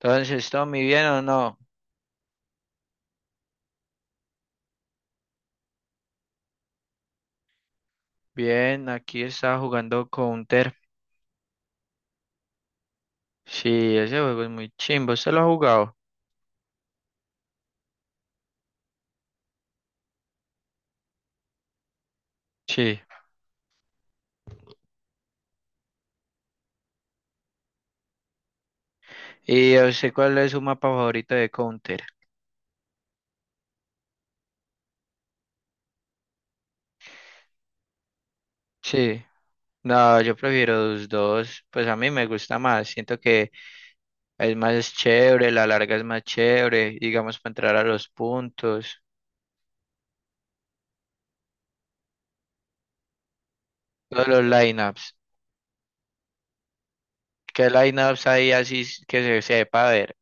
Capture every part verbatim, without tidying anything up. Entonces, ¿Tommy bien o no? Bien, aquí estaba jugando Counter. Sí, ese juego es muy chimbo. ¿Usted lo ha jugado? Sí. ¿Y yo sé cuál es su mapa favorito de Counter? Sí. No, yo prefiero los dos. Pues a mí me gusta más. Siento que es más chévere, la larga es más chévere, digamos, para entrar a los puntos. Todos los lineups. ¿Qué lineups hay así s- que se sepa, a ver?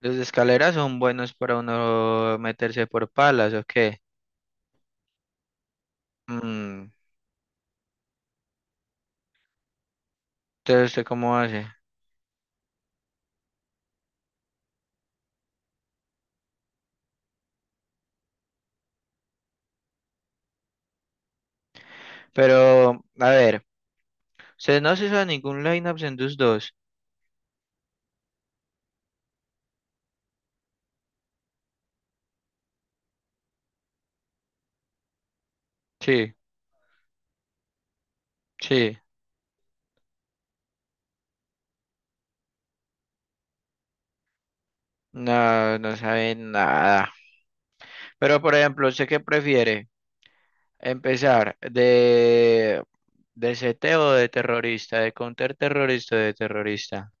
¿Los de escaleras son buenos para uno meterse por palas o qué? Mm. Entonces, ¿usted cómo hace? Pero, a ver, ¿usted no se hizo ningún lineup en D U S dos? Sí, sí. No, no sabe nada. Pero, por ejemplo, ¿usted qué prefiere? ¿Empezar de, de C T o de terrorista? ¿De counterterrorista o de terrorista?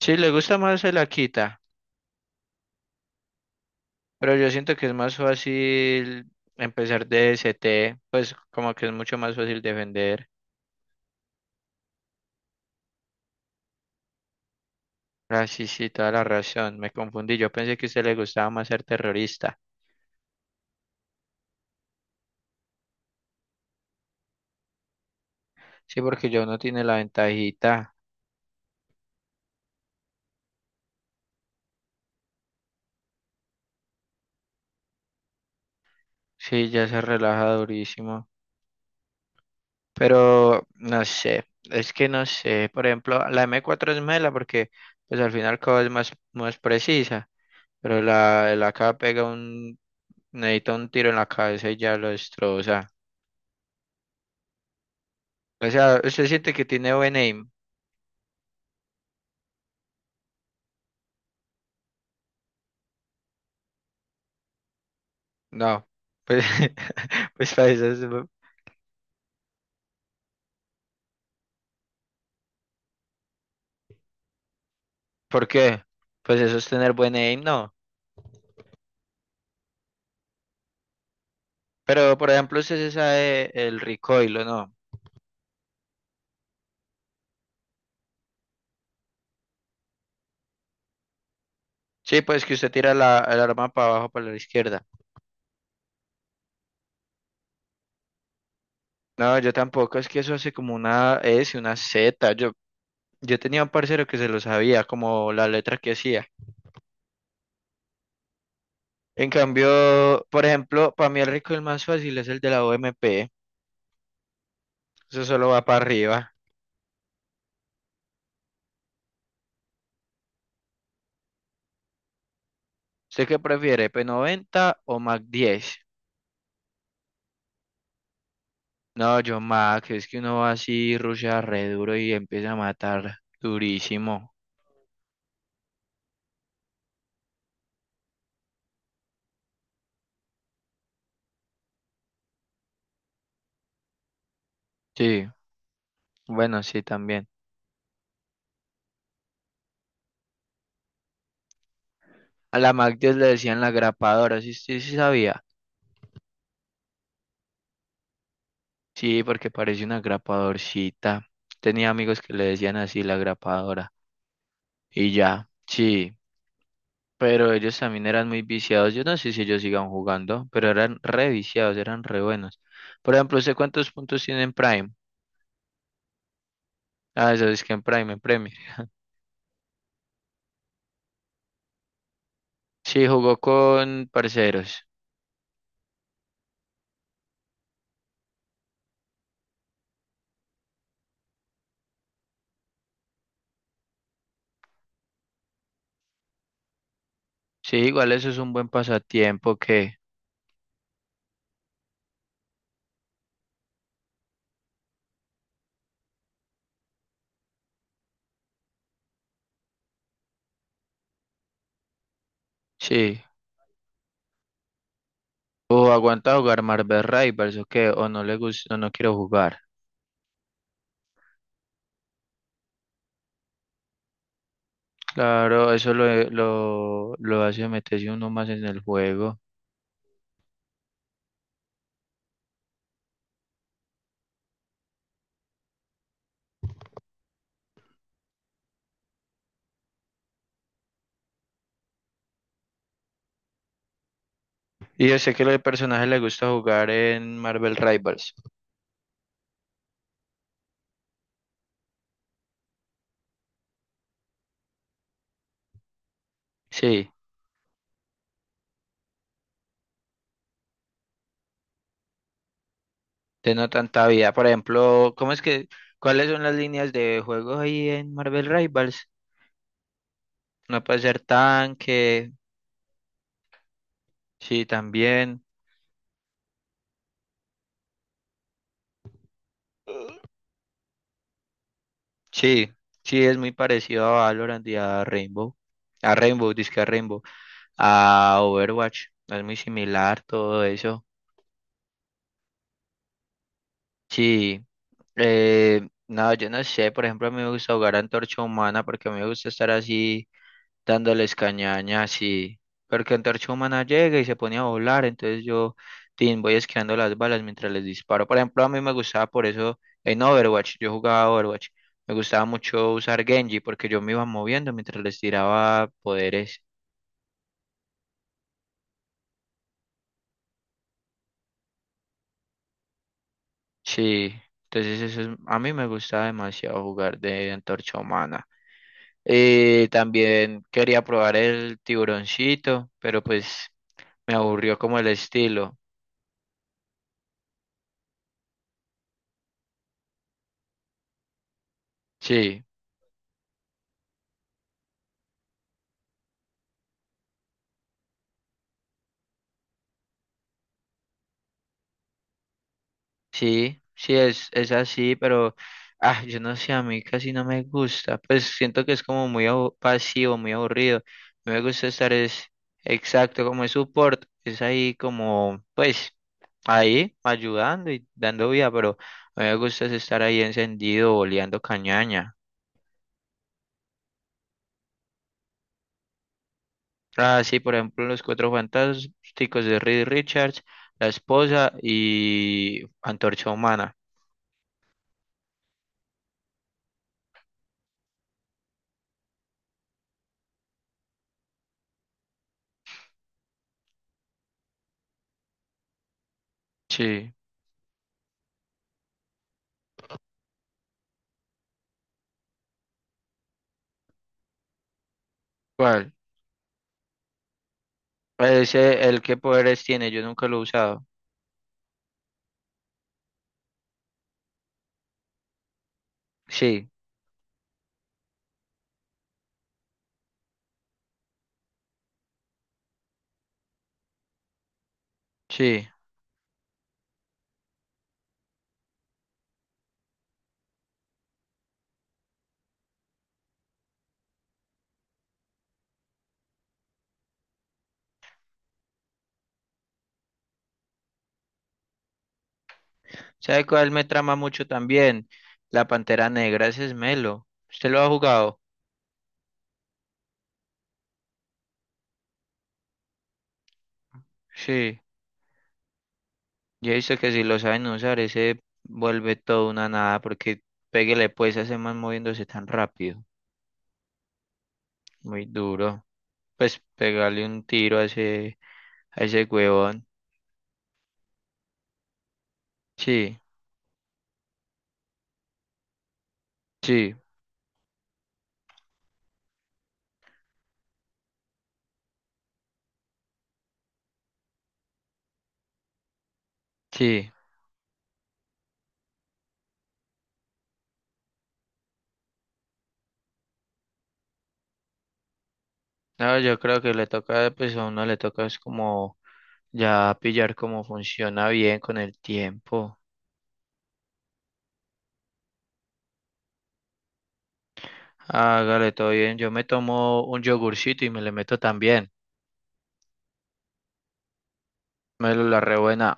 Sí, le gusta más se la quita, pero yo siento que es más fácil empezar de C T, pues como que es mucho más fácil defender. Ah, sí, sí, toda la razón, me confundí, yo pensé que a usted le gustaba más ser terrorista. Sí, porque ya uno tiene la ventajita. Sí, ya se relaja durísimo. Pero no sé, es que no sé. Por ejemplo, la m cuatro es mela porque pues al final cada es más, más precisa. Pero la, el A K pega un, necesita un tiro en la cabeza y ya lo destroza. O sea, usted siente que tiene buen aim. No, pues, pues para eso es- ¿Por qué? Pues eso es tener buen aim, no. Pero por ejemplo, usted se sabe el recoil, ¿o no? Sí, pues que usted tira la, el arma para abajo, para la izquierda. No, yo tampoco, es que eso hace como una ese, una zeta. Yo, yo tenía un parcero que se lo sabía, como la letra que hacía. En cambio, por ejemplo, para mí el rico el más fácil es el de la O M P. Eso solo va para arriba. ¿Usted qué prefiere, P noventa o Mac diez? No, yo Mac, es que uno va así, rushea re duro y empieza a matar durísimo. Sí, bueno, sí, también. A la Mac diez le decían la grapadora, sí, sí, sí sabía. Sí, porque parece una grapadorcita. Tenía amigos que le decían así la grapadora. Y ya, sí. Pero ellos también eran muy viciados. Yo no sé si ellos sigan jugando, pero eran re viciados, eran re buenos. Por ejemplo, ¿usted cuántos puntos tiene en Prime? Ah, eso es que en Prime, en Premier. Sí, jugó con parceros. Sí, igual eso es un buen pasatiempo que, sí. O aguanta jugar Marvel Rivals o qué, o no le gusta, o no quiero jugar. Claro, eso lo, eh, lo, lo hace meterse uno más en el juego. Y yo sé que los personajes le gusta jugar en Marvel Rivals. Sí, de no tanta vida. Por ejemplo, ¿cómo es que, cuáles son las líneas de juego ahí en Marvel Rivals? No puede ser tanque, sí, también. Sí, sí, es muy parecido a Valorant y a Rainbow. A Rainbow, disque a Rainbow. A Overwatch, es muy similar todo eso. Sí. Eh, no, yo no sé, por ejemplo, a mí me gusta jugar a Antorcha Humana porque a mí me gusta estar así dándoles cañaña así, porque Antorcha Humana llega y se pone a volar, entonces yo tin, voy esquivando las balas mientras les disparo. Por ejemplo, a mí me gustaba por eso en Overwatch, yo jugaba Overwatch, me gustaba mucho usar Genji porque yo me iba moviendo mientras les tiraba poderes. Sí, entonces eso es- A mí me gustaba demasiado jugar de Antorcha Humana. Y también quería probar el tiburoncito, pero pues me aburrió como el estilo. Sí, sí, sí, es, es así, pero ah, yo no sé, a mí casi no me gusta. Pues siento que es como muy abu- pasivo, muy aburrido. No me gusta estar es exacto como es support, es ahí como, pues, ahí ayudando y dando vida, pero a mí me gusta es estar ahí encendido, oleando cañaña. Ah, sí, por ejemplo, Los Cuatro Fantásticos de Reed Richards, La Esposa y Antorcha Humana. Sí. ¿Cuál? Ese, el que poderes tiene, yo nunca lo he usado. Sí, sí. ¿Sabe cuál me trama mucho también? La Pantera Negra, ese es Melo. ¿Usted lo ha jugado? Sí. Yo he visto que si lo saben usar, ese vuelve todo una nada, porque pégale pues a ese man moviéndose tan rápido. Muy duro. Pues pegarle un tiro a ese, a ese huevón. Sí, sí, sí. No, yo creo que le toca, pues a uno le toca es como ya pillar cómo funciona bien con el tiempo. Hágale todo bien. Yo me tomo un yogurcito y me le meto también. Me lo la rebuena.